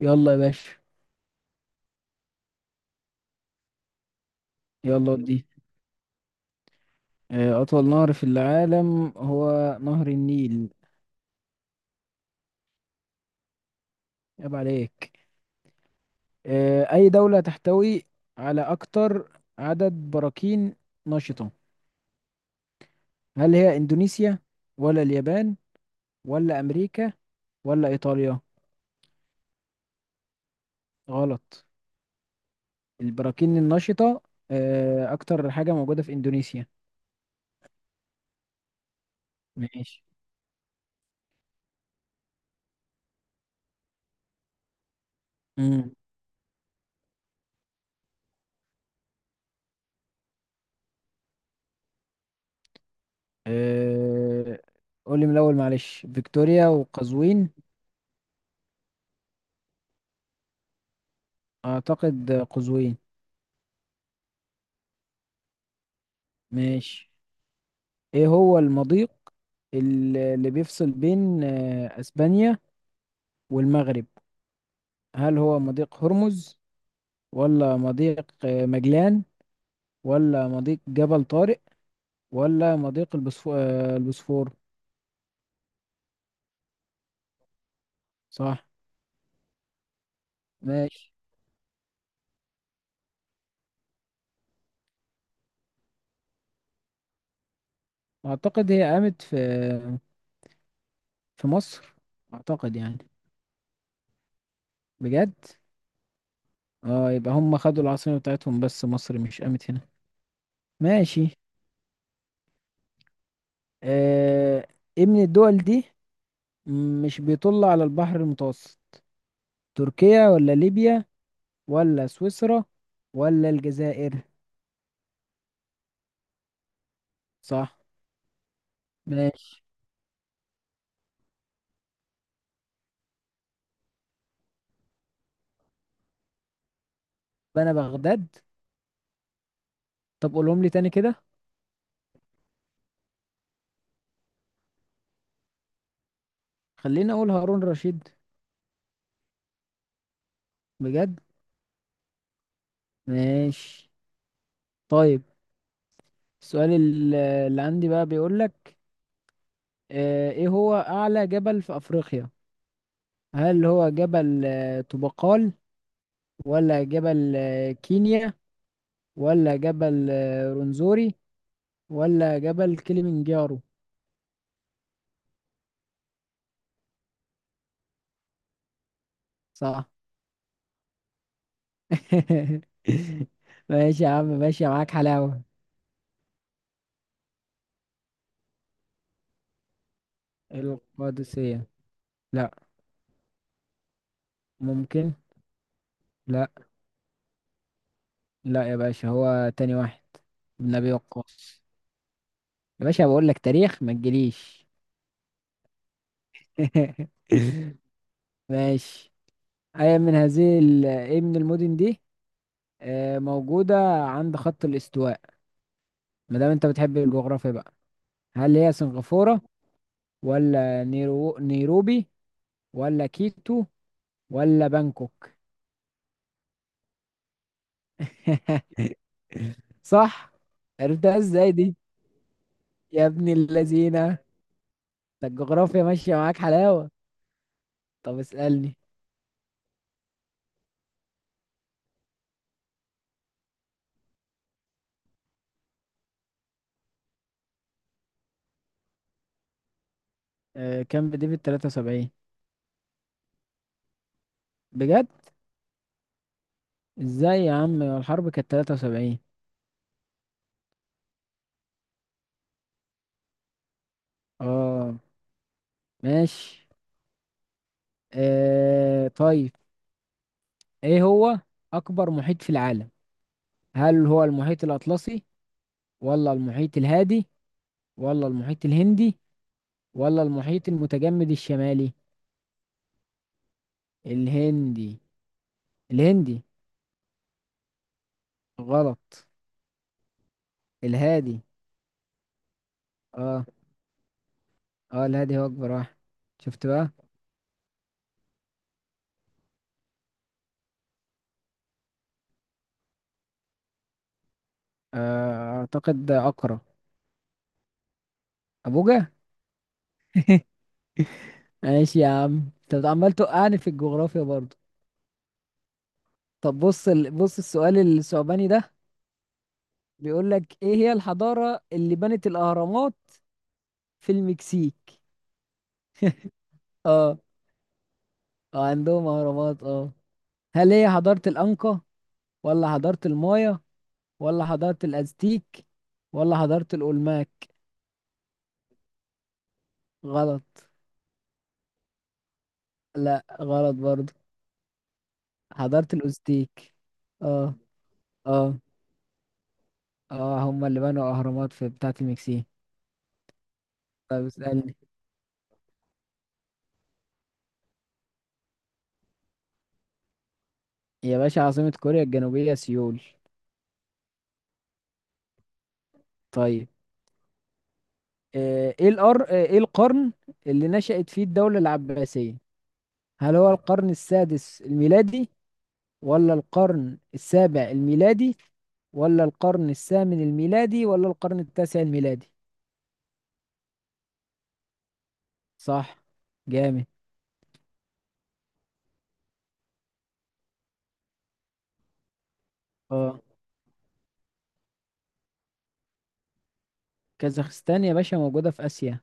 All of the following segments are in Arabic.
يلا يا باشا. يلا ودي. أطول نهر في العالم هو نهر النيل. عيب عليك. أي دولة تحتوي على أكتر عدد براكين نشطة؟ هل هي إندونيسيا ولا اليابان ولا أمريكا ولا إيطاليا؟ غلط. البراكين النشطة أكتر حاجة موجودة في إندونيسيا. ماشي. امم آه، قولي من الأول، معلش. فيكتوريا وقزوين؟ أعتقد قزوين. ماشي. ايه هو المضيق اللي بيفصل بين اسبانيا والمغرب؟ هل هو مضيق هرمز، ولا مضيق مجلان، ولا مضيق جبل طارق، ولا مضيق البوسفور؟ صح. ماشي. اعتقد هي قامت في مصر. اعتقد يعني. بجد؟ اه، يبقى هم خدوا العاصمة بتاعتهم بس مصر مش قامت هنا. ماشي. آه ايه من الدول دي مش بيطل على البحر المتوسط؟ تركيا ولا ليبيا ولا سويسرا ولا الجزائر؟ صح. ماشي. بنا بغداد. طب قولهم لي تاني كده. خليني اقول هارون رشيد. بجد؟ ماشي. طيب، السؤال اللي عندي بقى بيقول لك ايه هو اعلى جبل في افريقيا؟ هل هو جبل طوبقال، ولا جبل كينيا، ولا جبل رونزوري، ولا جبل كليمنجارو؟ صح. ماشي يا عم، ماشي معاك حلاوة. القادسية؟ لا. ممكن. لا. لا يا باشا، هو تاني واحد. ابن ابي وقاص. يا باشا، بقول لك تاريخ ما تجيليش. ماشي. اي من هذه ال- ايه من المدن دي موجودة عند خط الاستواء؟ ما دام انت بتحب الجغرافيا بقى. هل هي سنغافورة، ولا نيروبي، ولا كيتو، ولا بانكوك؟ صح. عرفتها ازاي دي؟ يا ابن اللذينة. ده الجغرافيا ماشية معاك حلاوة. طب اسألني. كان بديفيد 73. بجد؟ ازاي يا عم، الحرب كانت 73. اه. ماشي. طيب. ايه هو اكبر محيط في العالم؟ هل هو المحيط الاطلسي، ولا المحيط الهادي، ولا المحيط الهندي، ولا المحيط المتجمد الشمالي؟ الهندي. الهندي. غلط. الهادي. اه، اه، الهادي هو اكبر واحد. شفت بقى؟ اعتقد اقرا. ابوجا. ماشي يا عم، انت عمال توقعني في الجغرافيا برضه. طب، بص السؤال الثعباني ده. بيقول لك ايه هي الحضارة اللي بنت الأهرامات في المكسيك؟ اه، اه، عندهم أهرامات، اه. هل هي حضارة الأنكا، ولا حضارة المايا، ولا حضارة الأزتيك، ولا حضارة الأولماك؟ غلط. لا، غلط برضه. حضارة الأزتيك. اه، اه، اه، هم اللي بنوا أهرامات في بتاعة المكسيك. طب اسألني. يا باشا، عاصمة كوريا الجنوبية سيول. طيب. ايه القرن اللي نشأت فيه الدولة العباسية؟ هل هو القرن السادس الميلادي، ولا القرن السابع الميلادي، ولا القرن الثامن الميلادي، ولا القرن التاسع الميلادي؟ صح. جامد. اه. كازاخستان يا باشا موجودة في آسيا.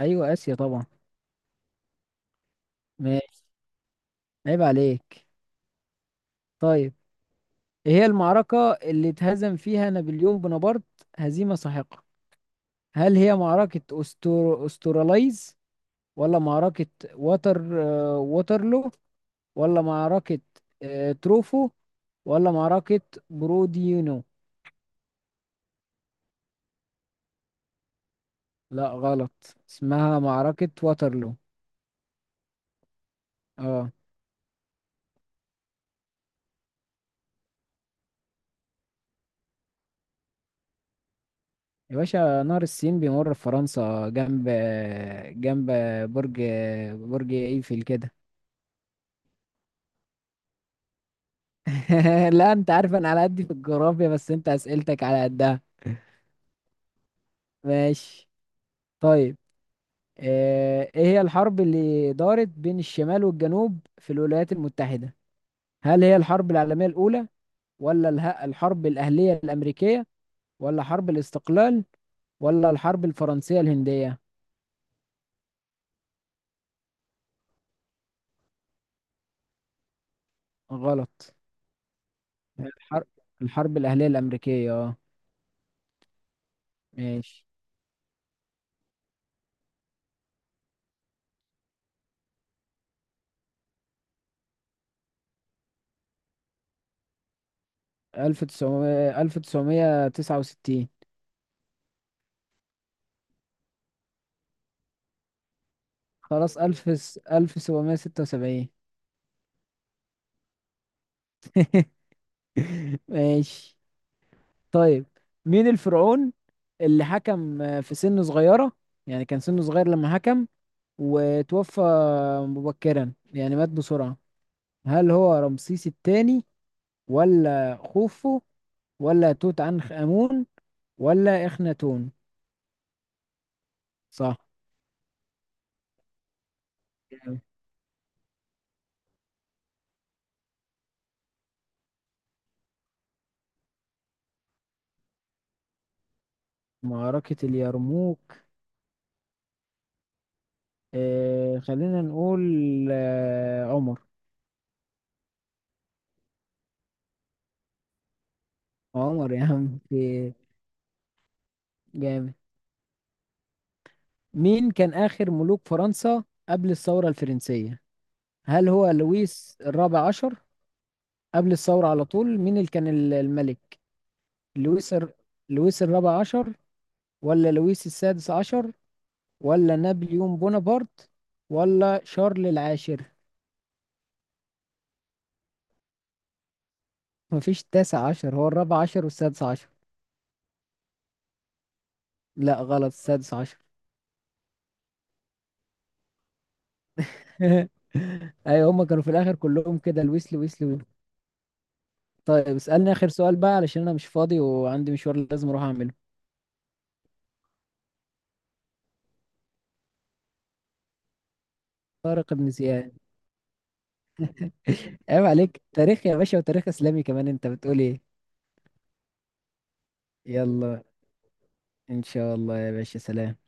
ايوه، آسيا طبعا. ماشي. عيب عليك. طيب. ايه هي المعركة اللي اتهزم فيها نابليون بونابرت هزيمة ساحقة؟ هل هي معركة أستراليز، ولا معركة وتر آه، ووترلو، ولا معركة تروفو، ولا معركة بروديونو؟ لا، غلط. اسمها معركة واترلو. اه. يا باشا، نهر السين بيمر في فرنسا، جنب برج برج ايفل كده. لا، انت عارف انا على قدي في الجغرافيا بس انت اسئلتك على قدها. ماشي. طيب. ايه هي الحرب اللي دارت بين الشمال والجنوب في الولايات المتحدة؟ هل هي الحرب العالمية الأولى، ولا الحرب الأهلية الأمريكية، ولا حرب الاستقلال، ولا الحرب الفرنسية الهندية؟ غلط. الحرب الحرب الأهلية الأمريكية، اه. ماشي. ألف تسعمية تسعة وستين. خلاص. ألف سبعمية ستة وسبعين. ماشي. طيب. مين الفرعون اللي حكم في سن صغيرة؟ يعني كان سنه صغير لما حكم، وتوفى مبكرا، يعني مات بسرعة. هل هو رمسيس الثاني، ولا خوفو، ولا توت عنخ آمون، ولا إخناتون؟ صح. جامد. معركة اليرموك. خلينا نقول. عمر. عمر يا عم جامد. مين كان آخر ملوك فرنسا قبل الثورة الفرنسية؟ هل هو لويس الرابع عشر؟ قبل الثورة على طول مين اللي كان الملك؟ لويس الر... لويس الرابع عشر، ولا لويس السادس عشر، ولا نابليون بونابرت، ولا شارل العاشر؟ مفيش تاسع عشر، هو الرابع عشر والسادس عشر. لا، غلط. السادس عشر. ايوه، هما كانوا في الاخر كلهم كده، الويسلي ويسلي ويسلي. طيب، اسألني اخر سؤال بقى علشان انا مش فاضي وعندي مشوار لازم اروح اعمله. طارق بن زياد. عيب عليك. تاريخ يا باشا، وتاريخ اسلامي كمان، انت بتقول ايه؟ يلا. ان شاء الله يا باشا، سلام.